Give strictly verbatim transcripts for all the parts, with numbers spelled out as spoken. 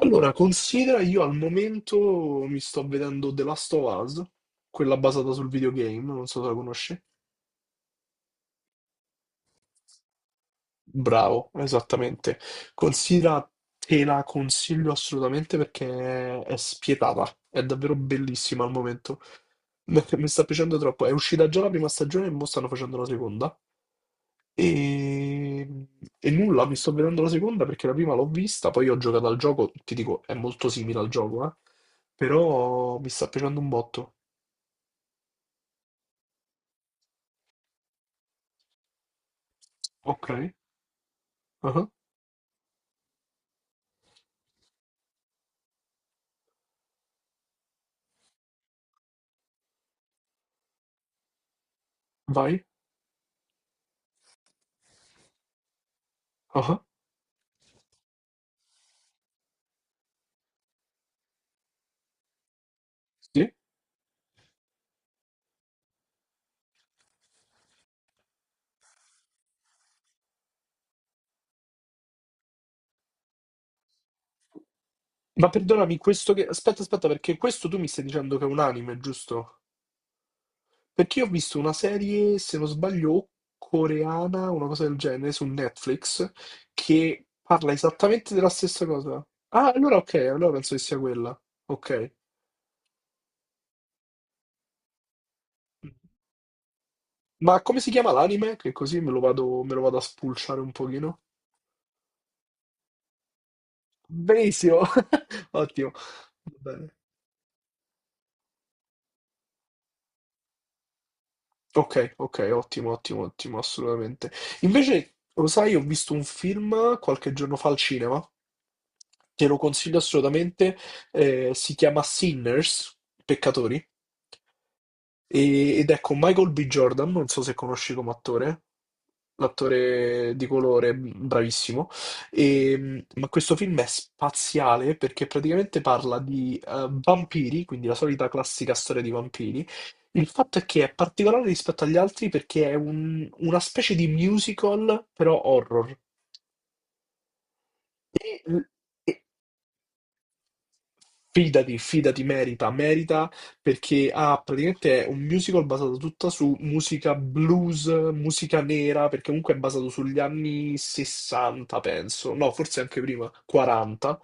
Allora, considera io al momento mi sto vedendo The Last of Us, quella basata sul videogame, non so se la conosci. Bravo, esattamente. Considera, te la consiglio assolutamente perché è spietata, è davvero bellissima al momento. Mi mi sta piacendo troppo. È uscita già la prima stagione e mo stanno facendo la seconda. E... e nulla, mi sto vedendo la seconda perché la prima l'ho vista, poi ho giocato al gioco, ti dico, è molto simile al gioco, eh? Però mi sta piacendo un botto. Ok, ah, vai, ah, sì. Ma perdonami, questo che... aspetta, aspetta, perché questo tu mi stai dicendo che è un anime, giusto? Perché io ho visto una serie, se non sbaglio, coreana, una cosa del genere, su Netflix, che parla esattamente della stessa cosa. Ah, allora ok, allora penso che sia quella. Ok. Ma come si chiama l'anime? Che così me lo vado, me lo vado a spulciare un pochino. Benissimo, ottimo. Va bene. Ok, ok, ottimo, ottimo, ottimo, assolutamente. Invece, lo sai, ho visto un film qualche giorno fa al cinema, te lo consiglio assolutamente, eh, si chiama Sinners, Peccatori. E- ed è con Michael B. Jordan, non so se conosci come attore, l'attore di colore, bravissimo. E, ma questo film è spaziale perché praticamente parla di eh, vampiri, quindi la solita classica storia di vampiri. Il fatto è che è particolare rispetto agli altri perché è un- una specie di musical, però horror. E, e- Fidati, fidati, merita, merita perché ha praticamente è un musical basato tutta su musica blues, musica nera, perché comunque è basato sugli anni sessanta, penso, no, forse anche prima, quaranta.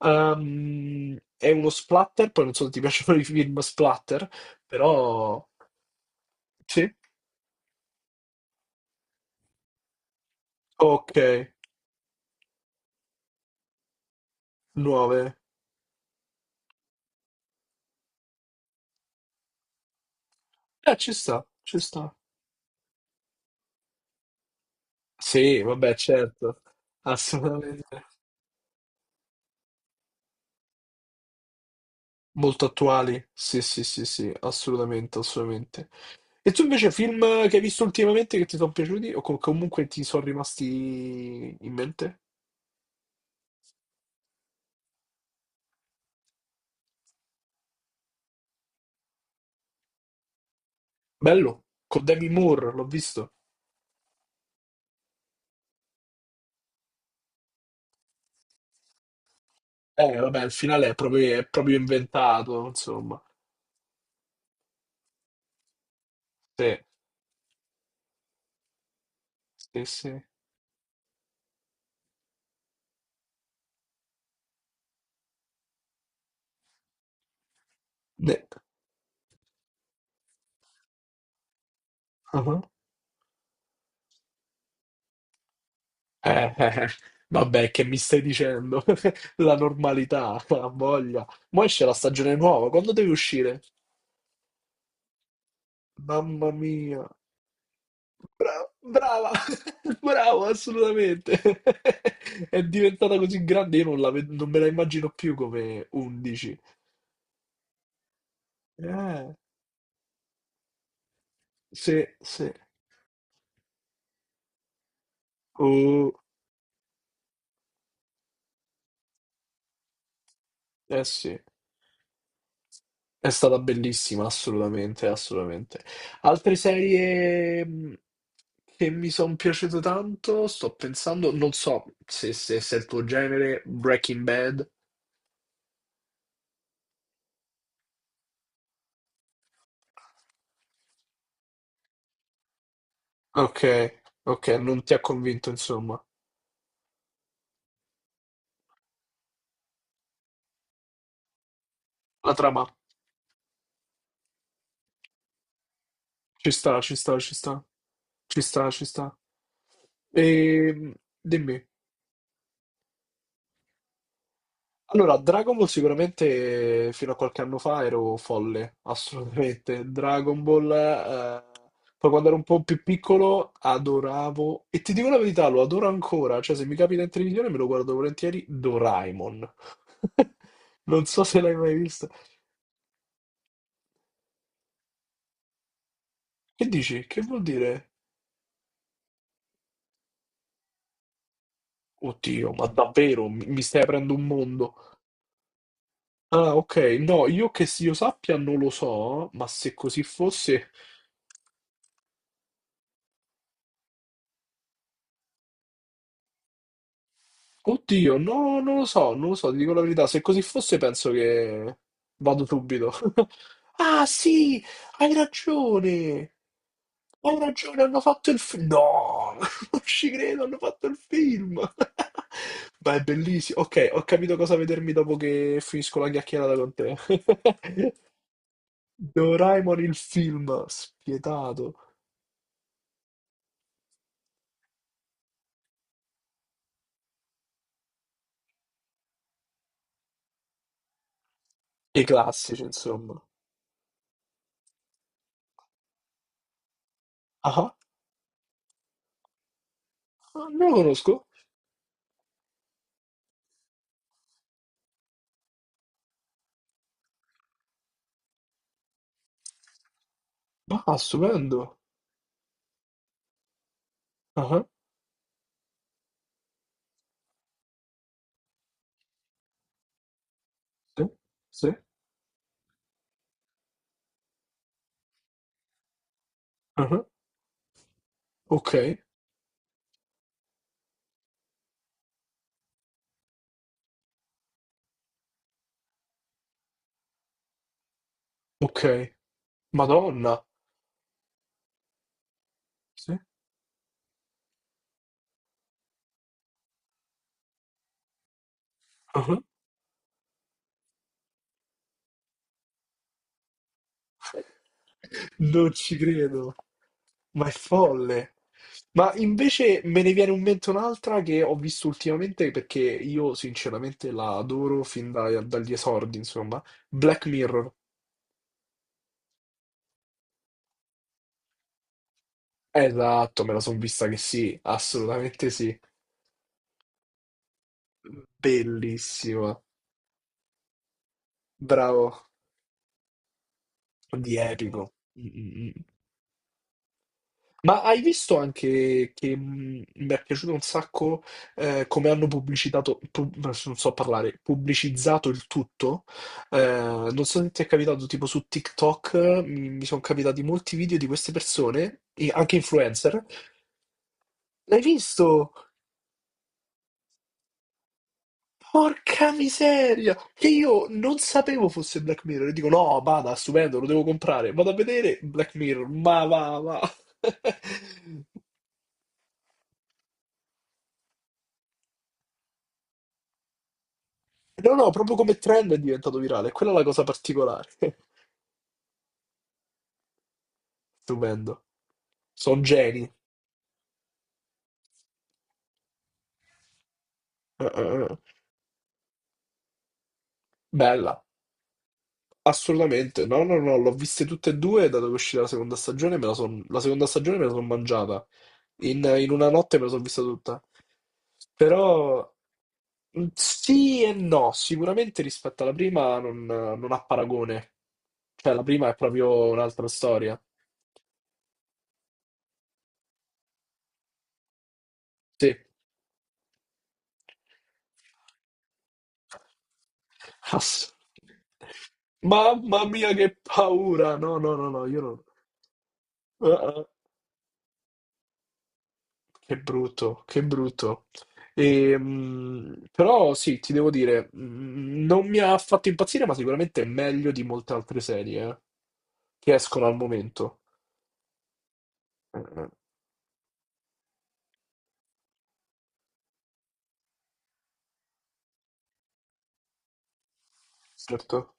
Ehm, è uno splatter, poi non so se ti piacciono i film splatter, però sì, ok, nove. Eh, ci sta, ci sta. Sì, vabbè, certo, assolutamente. Molto attuali, sì, sì, sì, sì, assolutamente, assolutamente. E tu invece film che hai visto ultimamente che ti sono piaciuti o com- comunque ti sono rimasti in mente? Bello, con Demi Moore, l'ho visto. Eh, vabbè, il finale è proprio, è proprio inventato, insomma. Sì, sì, sì. Ne- Ah. Eh, eh, eh. Vabbè, che mi stai dicendo? La normalità, ha voglia. Mo' esce la stagione nuova, quando deve uscire? Mamma mia. Bra- Brava, bravo, assolutamente. È diventata così grande. Io non, la ved- Non me la immagino più come undici. Eh, sì, sì. Oh, eh sì, è stata bellissima, assolutamente, assolutamente. Altre serie mh, che mi sono piaciute tanto, sto pensando, non so se, se, se è il tuo genere, Breaking Bad. Ok, ok, non ti ha convinto, insomma, la trama. Ci sta, ci sta, ci sta. Ci sta, ci sta. E dimmi. Allora, Dragon Ball sicuramente fino a qualche anno fa ero folle, assolutamente. Dragon Ball, eh, poi quando ero un po' più piccolo adoravo, e ti dico la verità, lo adoro ancora, cioè se mi capita in televisione me lo guardo volentieri, Doraemon. Non so se l'hai mai visto. Che dici? Che vuol dire? Oddio, ma davvero mi mi stai aprendo un mondo? Ah, ok. No, io che si io sappia non lo so, ma se così fosse... Oddio, no, non lo so, non lo so, ti dico la verità. Se così fosse penso che vado subito. Ah, sì, hai ragione. Hai ragione, hanno fatto il film. No, non ci credo, hanno fatto il film. Ma è bellissimo. Ok, ho capito cosa vedermi dopo che finisco la chiacchierata con te. Doraemon il film, spietato. I classici, insomma. Ah, ah, ah, non lo conosco. Ah, stupendo. Ah, ah, sì, sì, ah, ah. Ok, ok. Madonna. Sì. Ah, ah. Non ci credo. Ma è folle. Ma invece me ne viene in mente un'altra che ho visto ultimamente perché io sinceramente la adoro fin da- dagli esordi, insomma. Black Mirror. Esatto, me la son vista che sì, assolutamente sì. Bellissima. Bravo. Di epico. Mm, mm, mm. Ma hai visto anche che mh, mi è piaciuto un sacco eh, come hanno pubblicitato, pub- non so parlare, pubblicizzato il tutto? Eh, non so se ti è capitato, tipo su TikTok eh, mi, mi sono capitati molti video di queste persone, e anche influencer. L'hai visto? Porca miseria! Che io non sapevo fosse Black Mirror. E dico, no, bada, stupendo, lo devo comprare. Vado a vedere Black Mirror, ma va, va. No, no, proprio come trend è diventato virale. Quella è la cosa particolare. Stupendo. Sono geni. Eh, eh, eh. Bella. Assolutamente. No, no, no, l'ho viste tutte e due, dato che è uscita la seconda stagione, me la son... la seconda stagione me la sono mangiata. In, in una notte me la sono vista tutta. Però mm, sì e no, sicuramente rispetto alla prima non, non ha paragone. Cioè, la prima è proprio un'altra storia. Sì. Ass- Mamma mia, che paura! No, no, no, no, io non... Ah, ah, che brutto, che brutto. E, mh, però sì, ti devo dire, mh, non mi ha fatto impazzire, ma sicuramente è meglio di molte altre serie, eh, che escono al momento. Eh, Certo,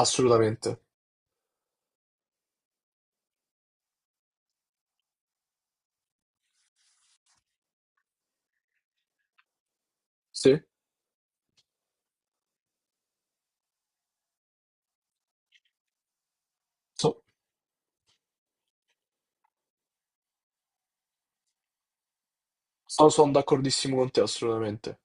assolutamente. Sì, sono d'accordissimo con te, assolutamente.